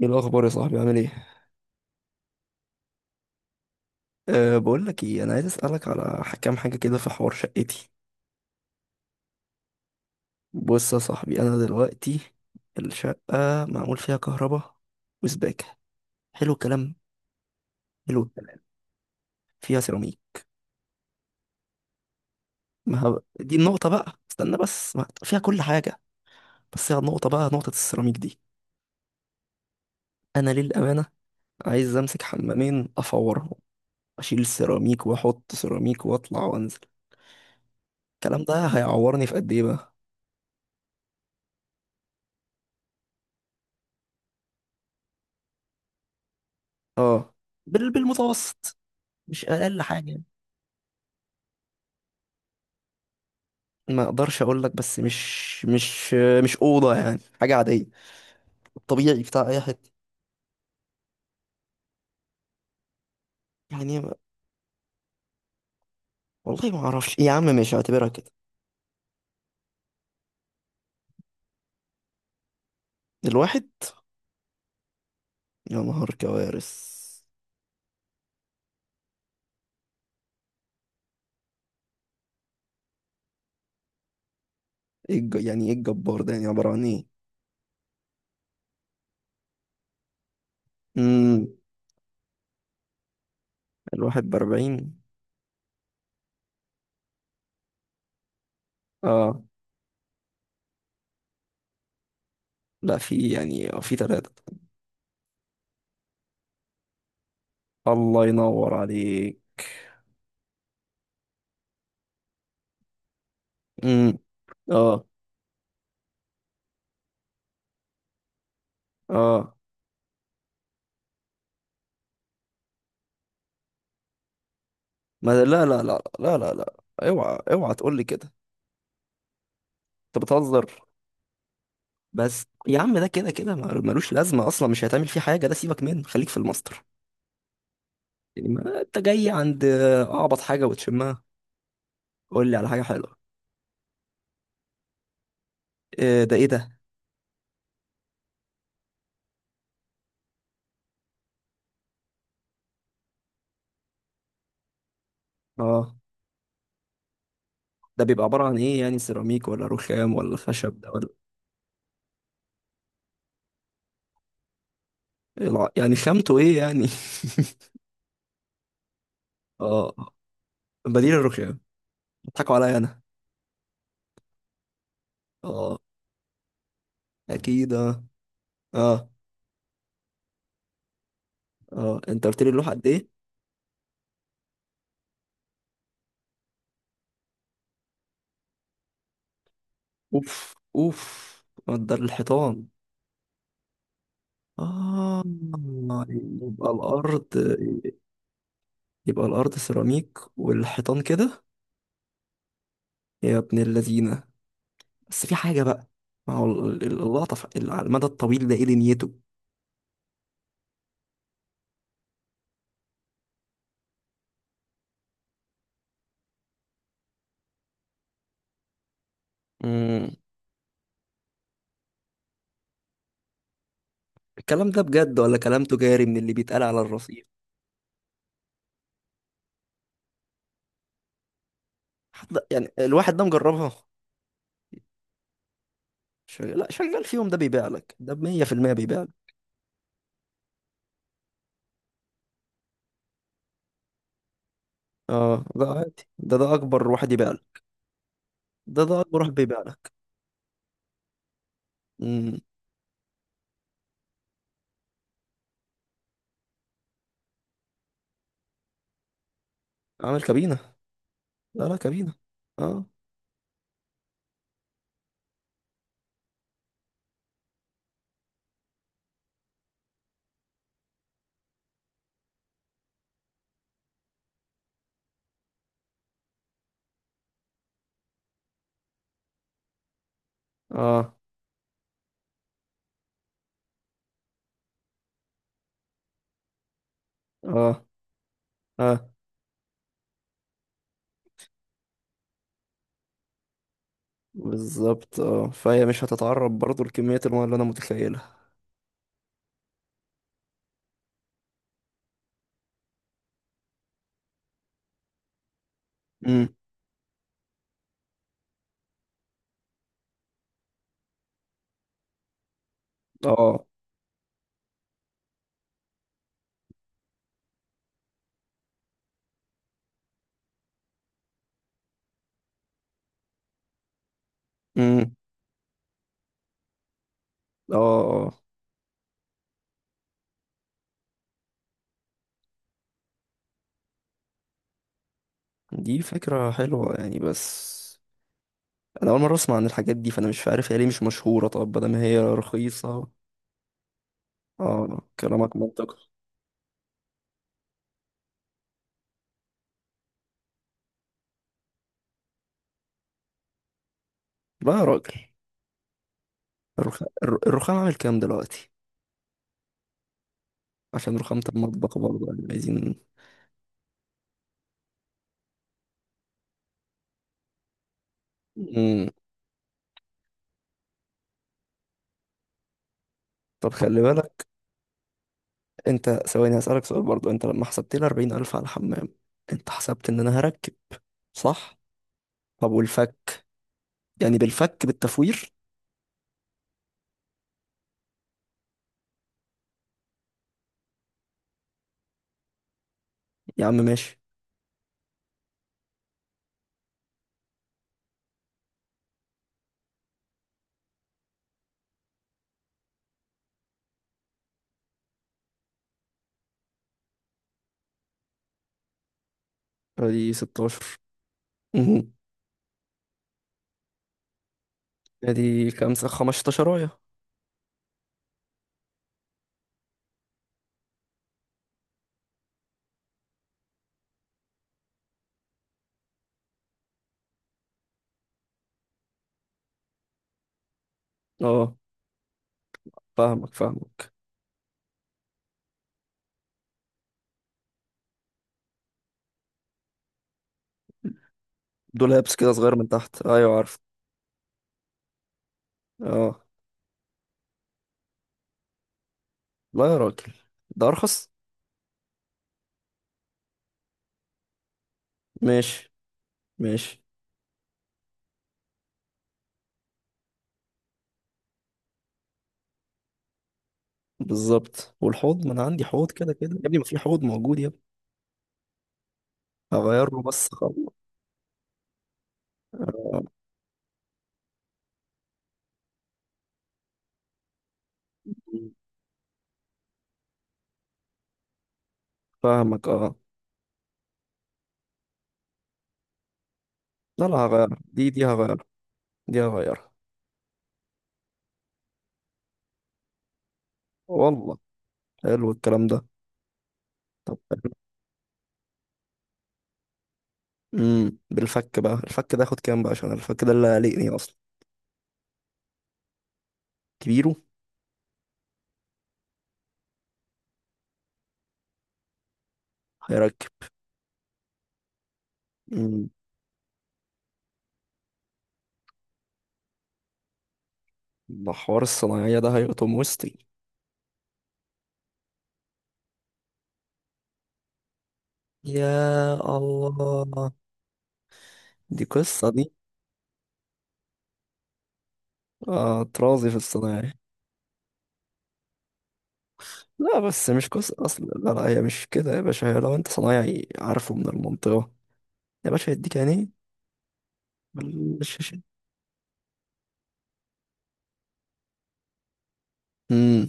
ايه الاخبار يا صاحبي؟ عامل ايه؟ أه، بقول لك ايه، انا عايز اسالك على كام حاجه كده في حوار شقتي. بص يا صاحبي، انا دلوقتي الشقه معمول فيها كهرباء وسباكه. حلو الكلام. حلو الكلام. فيها سيراميك. ما هب... دي النقطه بقى، استنى بس، ما... فيها كل حاجه. بس هي النقطه بقى، نقطه السيراميك دي، انا للامانه عايز امسك حمامين افورهم، اشيل السيراميك واحط سيراميك واطلع وانزل. الكلام ده هيعورني في قد ايه بقى؟ اه. بالمتوسط، مش اقل حاجه. ما اقدرش اقول لك، بس مش مش اوضه يعني، حاجه عاديه، الطبيعي بتاع اي حته. يعني ما- والله ما اعرفش يا عم، مش هعتبرها كده. الواحد؟ يا نهار كوارث. يعني ايه الجبار ده؟ يعني عباره عن ايه؟ امم الواحد بأربعين؟ اه. لا، في يعني في ثلاثة. الله ينور عليك. امم اه. اه. ما لا لا لا لا لا لا، اوعى اوعى تقول لي كده. انت بتهزر. بس يا عم، ده كده كده ملوش لازمه اصلا، مش هيتعمل فيه حاجه، ده سيبك منه، خليك في الماستر. يعني ما انت جاي عند اعبط حاجه وتشمها. قول لي على حاجه حلوه. إيه ده؟ ايه ده؟ اه. ده بيبقى عباره عن ايه يعني، سيراميك ولا رخام ولا خشب ده، ولا؟ يعني خامته ايه يعني؟ اه. بديل الرخام. بيضحكوا عليا انا. اه. اكيد اه. اه. اه، انت قلت لي اللوحه قد ايه؟ اوف اوف، مقدار الحيطان. اه. يبقى الارض؟ إيه؟ يبقى الأرض سيراميك والحيطان كده؟ يا ابن اللذينة. بس في حاجة بقى، ما هو اللقطة على المدى الطويل ده، ايه دنيته؟ مم. الكلام ده بجد ولا كلام تجاري من اللي بيتقال على الرصيف؟ حد يعني الواحد ده مجربها؟ شغال؟ لا شغال فيهم، ده بيبيع لك، ده 100% بيبيع لك. اه، ده عادي، ده ده اكبر واحد يبيع لك. ده ده اكبر واحد بيبيع لك. امم عامل كابينة. لا لا، كابينة. اه. اه. اه. اه. بالظبط، اه، فهي مش هتتعرض برضو لكمية المياه اللي انا متخيلها. امم اه. امم اه. اه. دي فكرة حلوة يعني، بس انا اول مرة اسمع عن الحاجات دي، فانا مش عارف هي ليه مش مشهورة؟ طب بدل ما هي رخيصة. اه، كلامك منطقي. لا يا راجل، الرخام، الرخام عامل كام دلوقتي؟ عشان رخامة المطبخ برضو يعني عايزين. امم طب خلي بالك، انت ثواني هسألك سؤال برضو، انت لما حسبت لي 40000 على الحمام، انت حسبت ان انا هركب، صح؟ طب والفك؟ يعني بالفك، بالتفوير. يا عم ماشي، ادي 16. مهم. ادي خمسة، 15 راية. اه، فاهمك. دولابس كده صغير من تحت، ايوه عارف. اه. لا يا راجل، ده ارخص. ماشي. ماشي. بالظبط، والحوض ما انا عندي حوض كده كده يا ابني، ما في حوض موجود يا ابني. هغيره بس خلاص. آه، فاهمك. اه. لا لا، هغير دي، دي هغير، دي هغير. والله. حلو الكلام ده. بالفك بقى، الفك ده ياخد كام بقى؟ عشان الفك ده اللي قلقني اصلا. كبيره؟ هيركب. امم ده حوار الصناعية ده هيقطم وسطي. يا الله، دي قصة دي. اه، طرازي في الصناعية. لا بس مش قصة أصلا، لا لا، هي مش كده يا باشا، هي لو أنت صنايعي عارفه من المنطقة، يا باشا يديك عينيه. بالشاشة. امم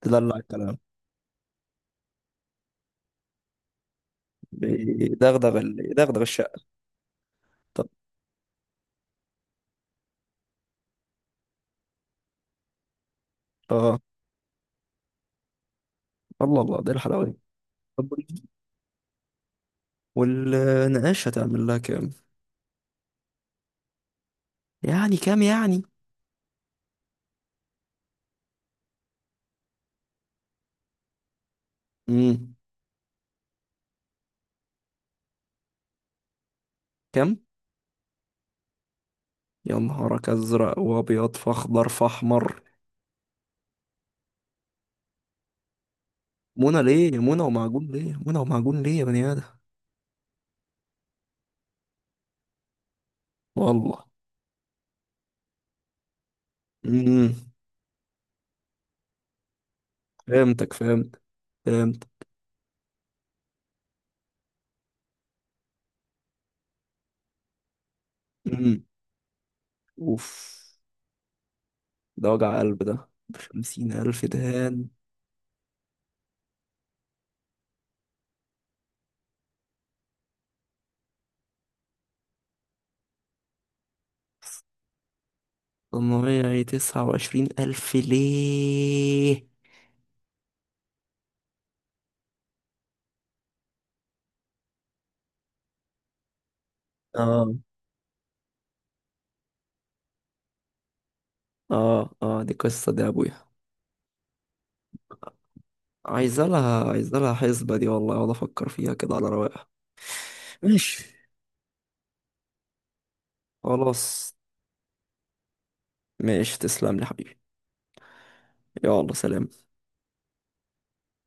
تدلع الكلام. يدغدغ الشقة. طب. اه. الله الله، دي الحلاوة دي. طب والنقاش هتعمل لها كام؟ يعني كام يعني؟ امم كام؟ يا نهارك ازرق وابيض فاخضر فاحمر. منى ليه يا منى؟ ومعجون ليه يا منى؟ ومعجون ليه يا بني ادم؟ والله. امم فهمتك، فهمت، فهمت. امم اوف. ده وجع قلب، ده بخمسين ألف دهان. طنيعي تسعة وعشرين ألف ليه؟ اه. اه. اه. دي قصة دي يا أبويا. عايز لها، عايز لها حسبة دي، والله أقعد أفكر فيها كده على رواقة. ماشي. خلاص. ماشي، تسلم لي حبيبي. يلا سلام.